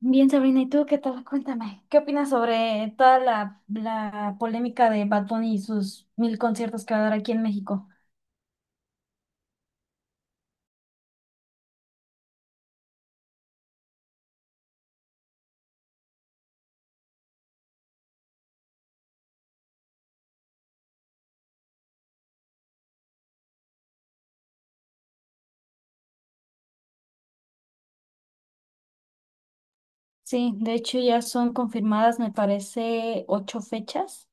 Bien, Sabrina, ¿y tú qué tal? Cuéntame, ¿qué opinas sobre toda la polémica de Bad Bunny y sus 1000 conciertos que va a dar aquí en México? Sí, de hecho ya son confirmadas, me parece, ocho fechas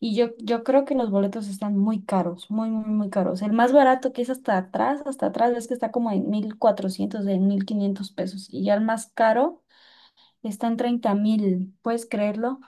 y yo creo que los boletos están muy caros, muy, muy, muy caros. El más barato que es hasta atrás, es que está como en 1400, en 1500 pesos y ya el más caro está en 30,000, ¿puedes creerlo?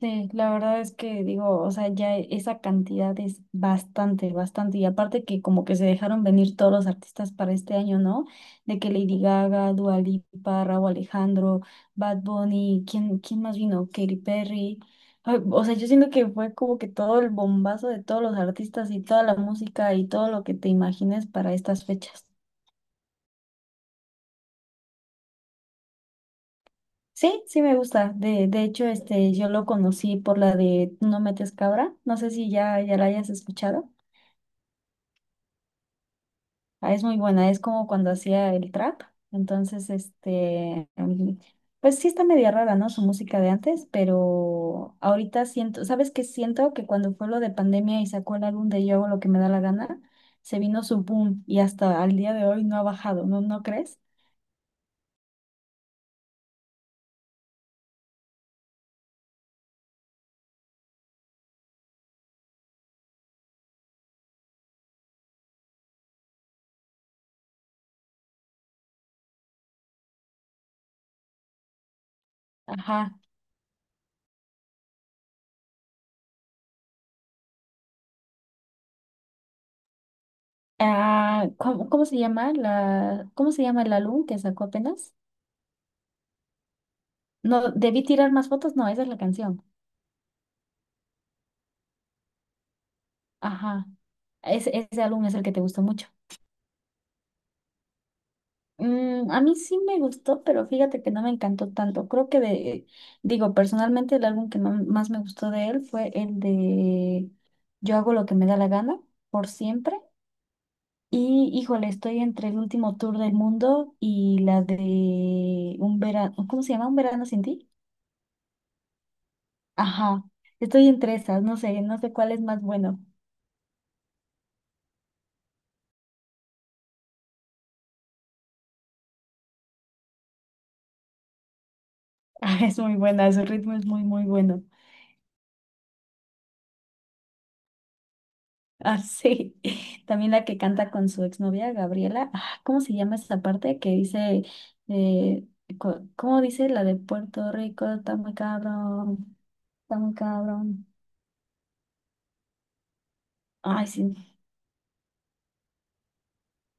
Sí, la verdad es que digo, o sea, ya e, esa cantidad es bastante, bastante. Y aparte que como que se dejaron venir todos los artistas para este año, ¿no? De que Lady Gaga, Dua Lipa, Rauw Alejandro, Bad Bunny, ¿quién más vino? Katy Perry. Ay, o sea, yo siento que fue como que todo el bombazo de todos los artistas y toda la música y todo lo que te imagines para estas fechas. Sí, sí me gusta. De hecho, este, yo lo conocí por la de No metes cabra. No sé si ya la hayas escuchado. Ah, es muy buena, es como cuando hacía el trap. Entonces, este, pues sí está media rara, ¿no? Su música de antes, pero ahorita siento, ¿sabes qué siento? Que cuando fue lo de pandemia y sacó el álbum de Yo hago lo que me da la gana, se vino su boom y hasta al día de hoy no ha bajado, ¿no? ¿No crees? Ajá. Ah, ¿cómo se llama el álbum que sacó apenas? No, debí tirar más fotos, no, esa es la canción. Ajá. Ese álbum es el que te gustó mucho. Mm, a mí sí me gustó, pero fíjate que no me encantó tanto. Creo que digo, personalmente el álbum que más me gustó de él fue el de Yo hago lo que me da la gana, por siempre. Y híjole, estoy entre el último tour del mundo y la de un verano, ¿cómo se llama? ¿Un verano sin ti? Ajá, estoy entre esas, no sé cuál es más bueno. Ah, es muy buena, su ritmo es muy, muy bueno. Ah, sí. También la que canta con su exnovia, Gabriela. Ah, ¿cómo se llama esa parte que dice, eh, cómo dice la de Puerto Rico? Está muy cabrón, está muy cabrón. Ay, sí.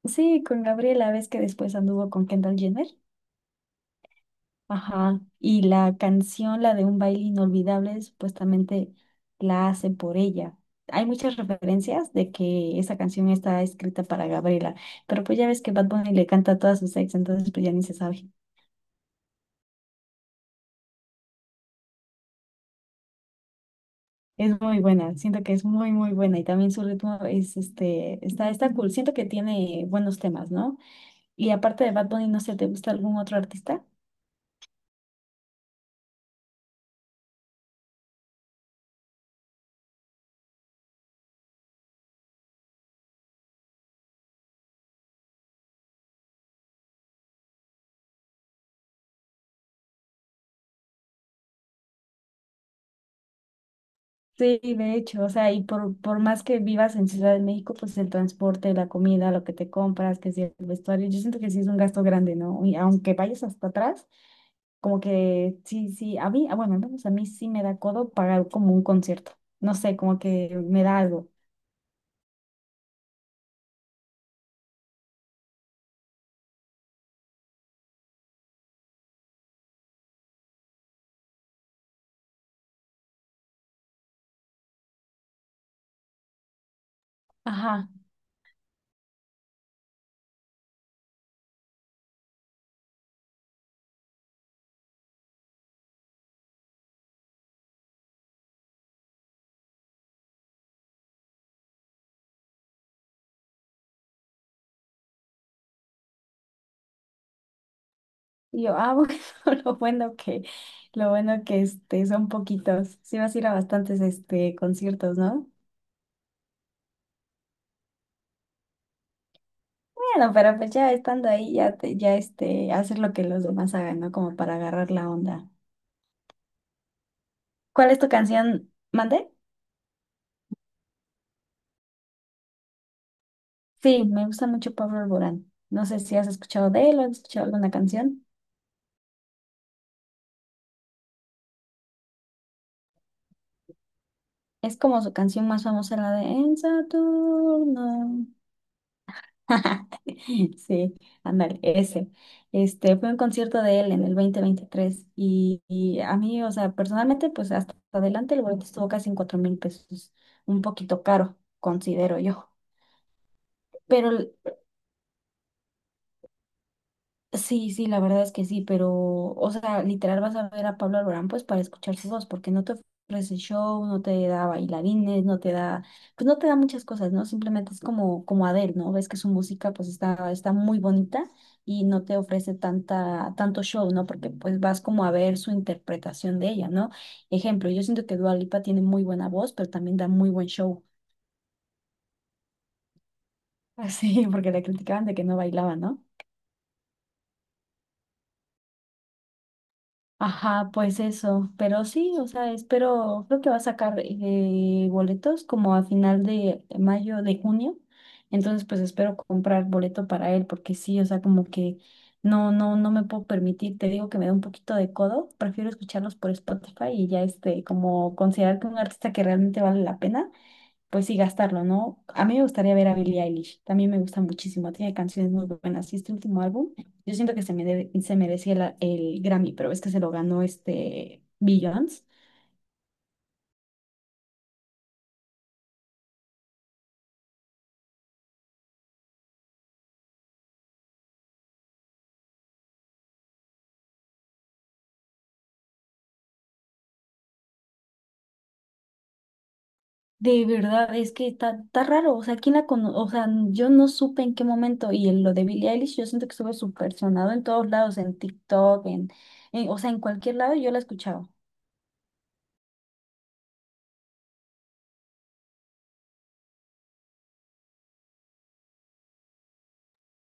Sí, con Gabriela, ves que después anduvo con Kendall Jenner. Ajá. Y la canción, la de Un baile inolvidable, supuestamente la hace por ella. Hay muchas referencias de que esa canción está escrita para Gabriela, pero pues ya ves que Bad Bunny le canta a todas sus ex, entonces pues ya ni se sabe. Es muy buena, siento que es muy, muy buena y también su ritmo es, este, está cool, siento que tiene buenos temas, ¿no? Y aparte de Bad Bunny, no sé, ¿te gusta algún otro artista? Sí, de hecho, o sea, y por más que vivas en Ciudad de México, pues el transporte, la comida, lo que te compras, que si el vestuario, yo siento que sí es un gasto grande, ¿no? Y aunque vayas hasta atrás, como que sí, sí, a mí, ah, bueno, al menos a mí sí me da codo pagar como un concierto, no sé, como que me da algo. Ajá. Y yo, ah, bueno, lo bueno que, lo bueno que este, son poquitos. Sí vas a ir a bastantes este, conciertos, ¿no? Bueno, pero pues ya estando ahí, ya este, hacer lo que los demás hagan, ¿no? Como para agarrar la onda. ¿Cuál es tu canción? ¿Mandé? Sí, me gusta mucho Pablo Alborán. No sé si has escuchado de él o has escuchado alguna canción. Es como su canción más famosa, la de En Saturno. Sí, ándale, ese. Este fue un concierto de él en el 2023 y, a mí, o sea, personalmente, pues hasta adelante el boleto estuvo casi en 4000 pesos, un poquito caro, considero yo. Pero sí, sí, la verdad es que sí, pero, o sea, literal vas a ver a Pablo Alborán pues para escuchar su voz, porque no te ofrece show, no te da bailarines, pues no te da muchas cosas, ¿no? Simplemente es como, Adele, ¿no? Ves que su música pues está muy bonita y no te ofrece tanto show, ¿no? Porque pues vas como a ver su interpretación de ella, ¿no? Ejemplo, yo siento que Dua Lipa tiene muy buena voz, pero también da muy buen show. Así, porque la criticaban de que no bailaba, ¿no? Ajá, pues eso, pero sí, o sea, espero, creo que va a sacar boletos como a final de mayo, de junio, entonces pues espero comprar boleto para él, porque sí, o sea, como que no me puedo permitir, te digo que me da un poquito de codo, prefiero escucharlos por Spotify y ya este, como considerar que un artista que realmente vale la pena pues sí, gastarlo, ¿no? A mí me gustaría ver a Billie Eilish, también me gusta muchísimo, tiene canciones muy buenas. Y este último álbum, yo siento que se merecía el Grammy, pero es que se lo ganó este Beyoncé. De verdad, es que está, raro, o sea, o sea, yo no supe en qué momento, y en lo de Billie Eilish, yo siento que estuve súper sonado en todos lados, en TikTok, en, o sea, en cualquier lado yo la escuchaba.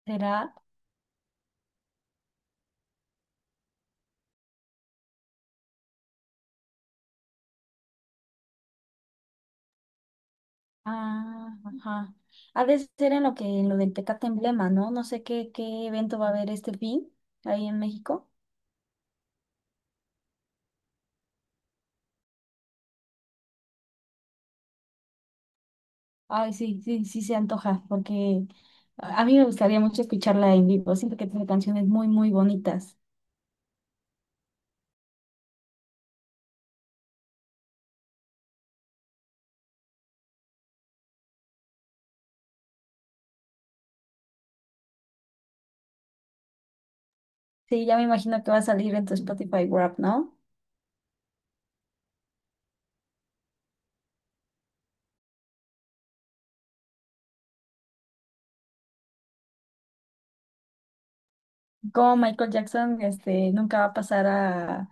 ¿Será? Ah, ajá. Ha de ser en lo del Petate Emblema, ¿no? No sé qué evento va a haber este fin ahí en México. Ay, sí, sí, sí se antoja, porque a mí me gustaría mucho escucharla en vivo. Siento que tiene canciones muy, muy bonitas. Sí, ya me imagino que va a salir en tu Spotify Wrapped, ¿no? Como Michael Jackson, este, nunca va a pasar a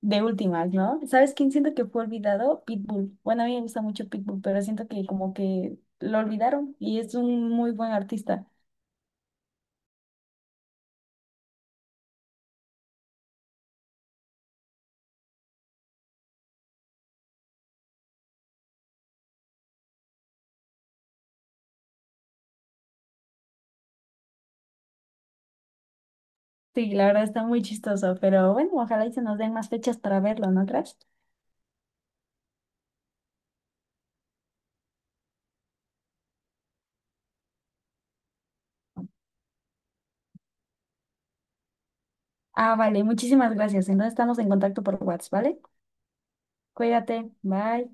de últimas, ¿no? ¿Sabes quién siento que fue olvidado? Pitbull. Bueno, a mí me gusta mucho Pitbull, pero siento que como que lo olvidaron y es un muy buen artista. Sí, la verdad está muy chistoso, pero bueno, ojalá y se nos den más fechas para verlo, ¿no crees? Ah, vale, muchísimas gracias. Entonces estamos en contacto por WhatsApp, ¿vale? Cuídate, bye.